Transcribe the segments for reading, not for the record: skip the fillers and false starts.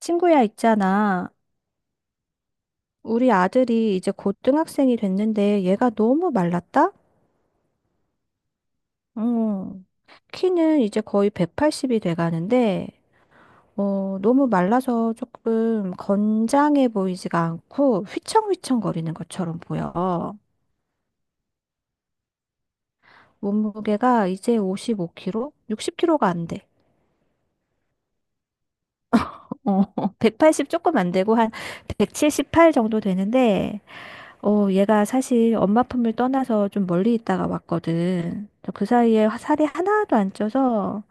친구야, 있잖아. 우리 아들이 이제 고등학생이 됐는데 얘가 너무 말랐다? 어. 키는 이제 거의 180이 돼가는데, 너무 말라서 조금 건장해 보이지가 않고 휘청휘청거리는 것처럼 보여. 몸무게가 이제 55kg? 60kg가 안 돼. 어, 180 조금 안 되고 한 178 정도 되는데, 얘가 사실 엄마 품을 떠나서 좀 멀리 있다가 왔거든. 저그 사이에 살이 하나도 안 쪄서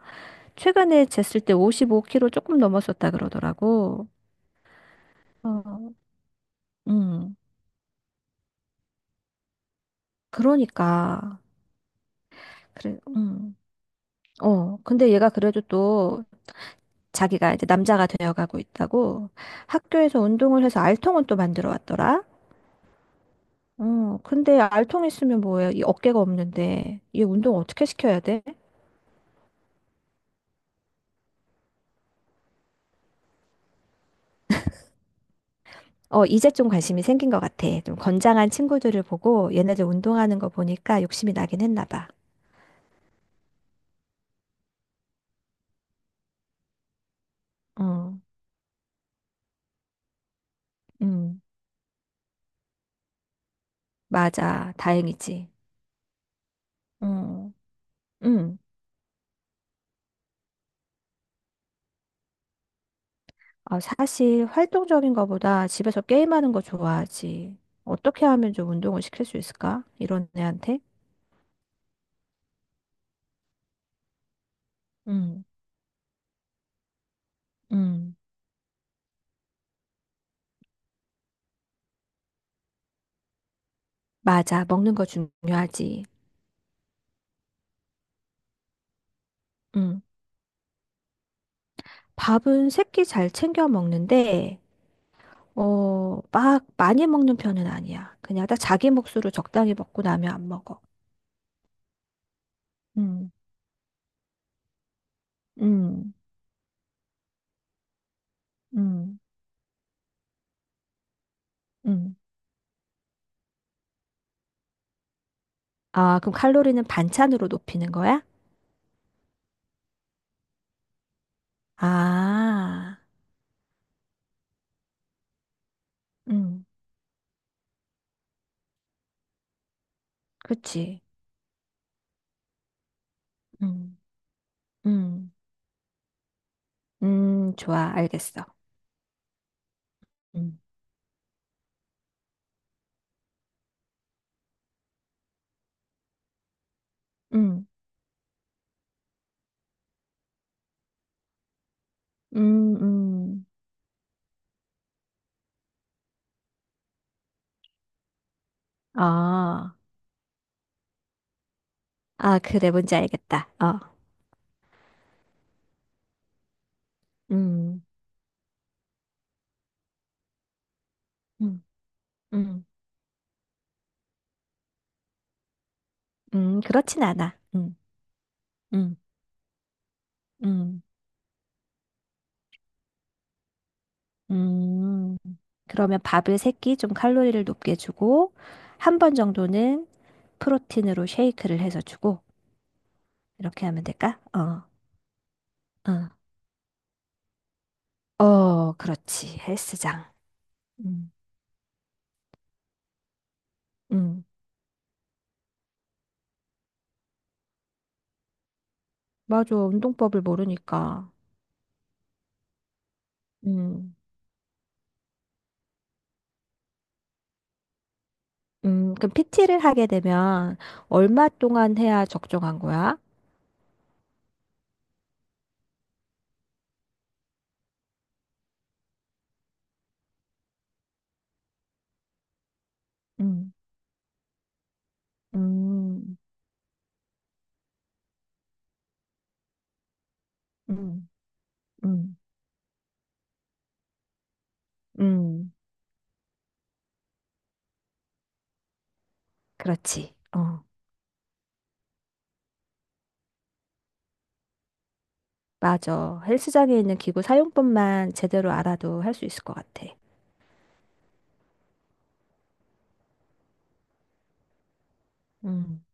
최근에 쟀을 때 55kg 조금 넘었었다 그러더라고. 어, 음, 그러니까. 그래, 근데 얘가 그래도 또 자기가 이제 남자가 되어가고 있다고 학교에서 운동을 해서 알통은 또 만들어 왔더라. 근데 알통 있으면 뭐해? 이 어깨가 없는데 얘 운동 어떻게 시켜야 돼? 어, 이제 좀 관심이 생긴 것 같아. 좀 건장한 친구들을 보고 얘네들 운동하는 거 보니까 욕심이 나긴 했나 봐. 어, 음, 맞아. 다행이지. 어, 음. 아, 사실 활동적인 거보다 집에서 게임하는 거 좋아하지. 어떻게 하면 좀 운동을 시킬 수 있을까? 이런 애한테? 음. 음. 맞아. 먹는 거 중요하지. 음. 밥은 새끼 잘 챙겨 먹는데, 막 많이 먹는 편은 아니야. 그냥 딱 자기 몫으로 적당히 먹고 나면 안 먹어. 음. 음. 음. 음. 아, 그럼 칼로리는 반찬으로 높이는 거야? 아. 음. 그치. 음. 음. 음. 좋아, 알겠어. 음. 음. 음. 음. 아, 아, 그래, 뭔지 알겠다. 어. 음. 음. 음. 그렇진 않아. 음. 음. 음. 음. 그러면 밥을 3끼 좀 칼로리를 높게 주고, 한 번 정도는 프로틴으로 쉐이크를 해서 주고, 이렇게 하면 될까? 어. 어. 어, 그렇지. 헬스장. 음. 음. 맞아. 운동법을 모르니까. 음. 음. 그럼 PT를 하게 되면 얼마 동안 해야 적정한 거야? 음. 음. 음. 음. 음. 그렇지. 어, 맞아. 헬스장에 있는 기구 사용법만 제대로 알아도 할 수 있을 것 같아. 음.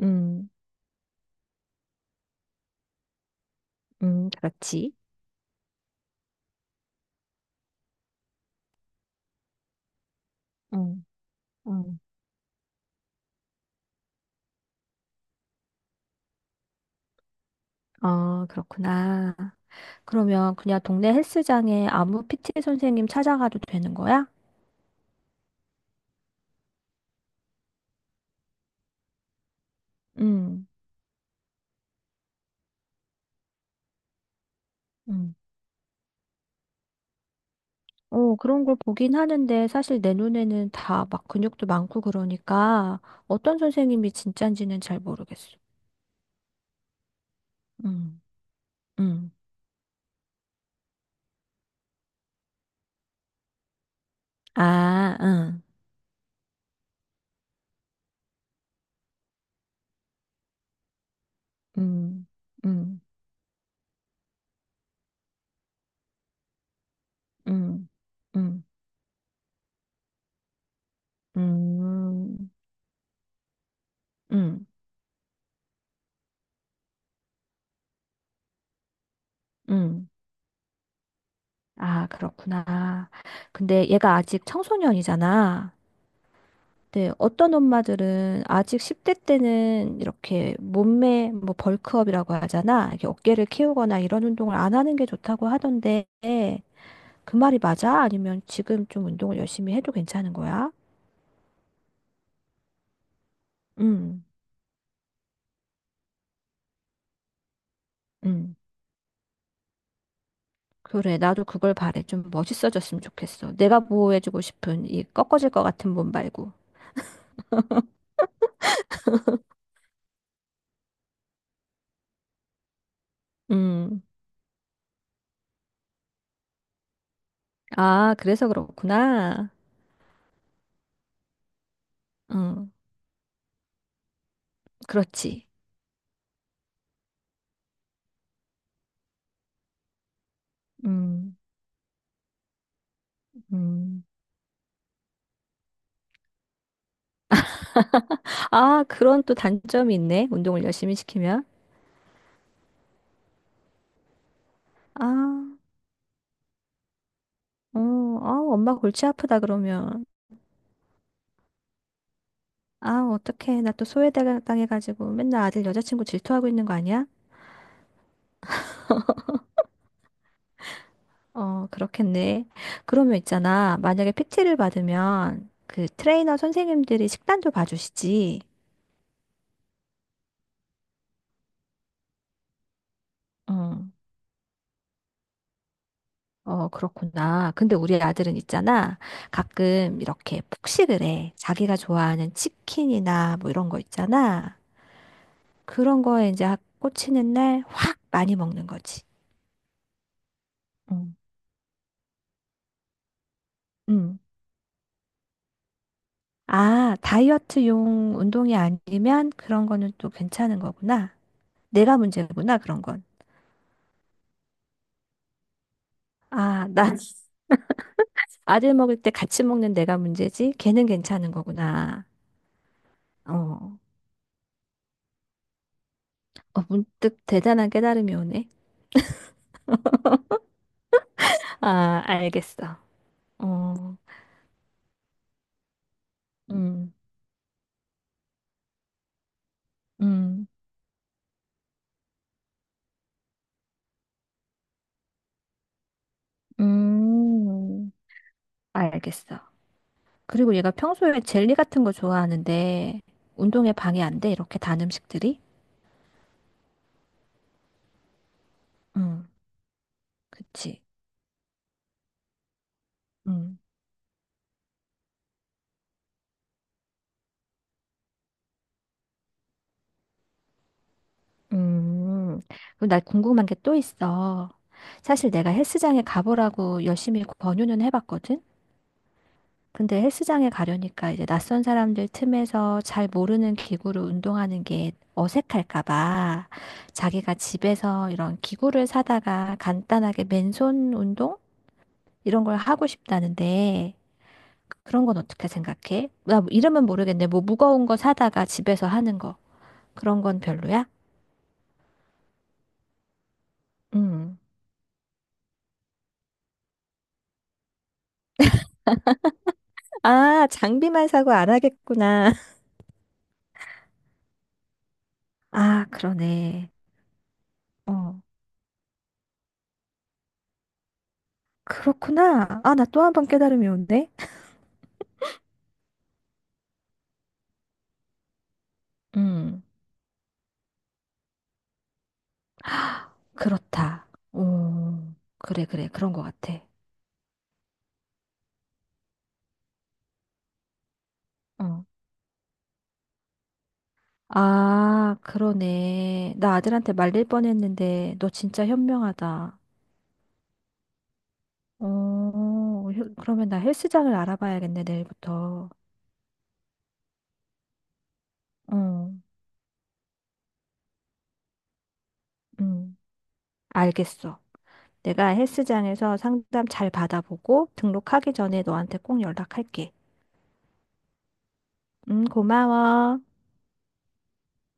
음. 음. 그렇지. 응, 응. 어, 그렇구나. 그러면 그냥 동네 헬스장에 아무 PT 선생님 찾아가도 되는 거야? 음. 응. 어, 그런 걸 보긴 하는데 사실 내 눈에는 다 막 근육도 많고 그러니까 어떤 선생님이 진짠지는 잘 모르겠어. 음. 음. 아, 응. 음. 음. 음. 음. 음. 음. 음. 아, 그렇구나. 근데 얘가 아직 청소년이잖아. 근데 어떤 엄마들은 아직 10대 때는 이렇게 몸매, 뭐 벌크업이라고 하잖아. 이렇게 어깨를 키우거나 이런 운동을 안 하는 게 좋다고 하던데, 그 말이 맞아? 아니면 지금 좀 운동을 열심히 해도 괜찮은 거야? 음. 음. 그래, 나도 그걸 바래. 좀 멋있어졌으면 좋겠어. 내가 보호해주고 싶은 이 꺾어질 것 같은 몸 말고. 음. 아, 그래서 그렇구나. 음, 그렇지. 음. 음. 아, 그런 또 단점이 있네. 운동을 열심히 시키면. 아, 어, 아, 엄마 골치 아프다 그러면. 아, 어떡해. 나 또 소외당해가지고 맨날 아들 여자친구 질투하고 있는 거 아니야? 어, 그렇겠네. 그러면 있잖아. 만약에 PT를 받으면 그 트레이너 선생님들이 식단도 봐주시지. 응. 어, 그렇구나. 근데 우리 아들은 있잖아. 가끔 이렇게 폭식을 해. 자기가 좋아하는 치킨이나 뭐 이런 거 있잖아. 그런 거에 이제 꽂히는 날 확 많이 먹는 거지. 응, 응, 아, 다이어트용 운동이 아니면 그런 거는 또 괜찮은 거구나. 내가 문제구나, 그런 건. 아, 나 아들 먹을 때 같이 먹는 내가 문제지. 걔는 괜찮은 거구나. 어, 어, 문득 대단한 깨달음이 오네. 아, 알겠어. 어. 음. 음. 음. 알겠어. 그리고 얘가 평소에 젤리 같은 거 좋아하는데 운동에 방해 안 돼, 이렇게 단 음식들이? 응, 그치. 응. 음, 그럼 나 궁금한 게 또 있어. 사실 내가 헬스장에 가보라고 열심히 권유는 해봤거든? 근데 헬스장에 가려니까 이제 낯선 사람들 틈에서 잘 모르는 기구로 운동하는 게 어색할까 봐 자기가 집에서 이런 기구를 사다가 간단하게 맨손 운동? 이런 걸 하고 싶다는데 그런 건 어떻게 생각해? 나 뭐 이름은 모르겠네. 뭐 무거운 거 사다가 집에서 하는 거. 그런 건 별로야? 음. 아, 장비만 사고 안 하겠구나. 아, 그러네. 어, 그렇구나. 아, 나 또 한 번 깨달음이 온대. 음, 그렇다. 오, 그래, 그래. 그런 것 같아. 어. 아, 그러네. 나 아들한테 말릴 뻔했는데, 너 진짜 현명하다. 어, 그러면 나 헬스장을 알아봐야겠네, 내일부터. 어, 음. 알겠어. 내가 헬스장에서 상담 잘 받아보고 등록하기 전에 너한테 꼭 연락할게. 고마워.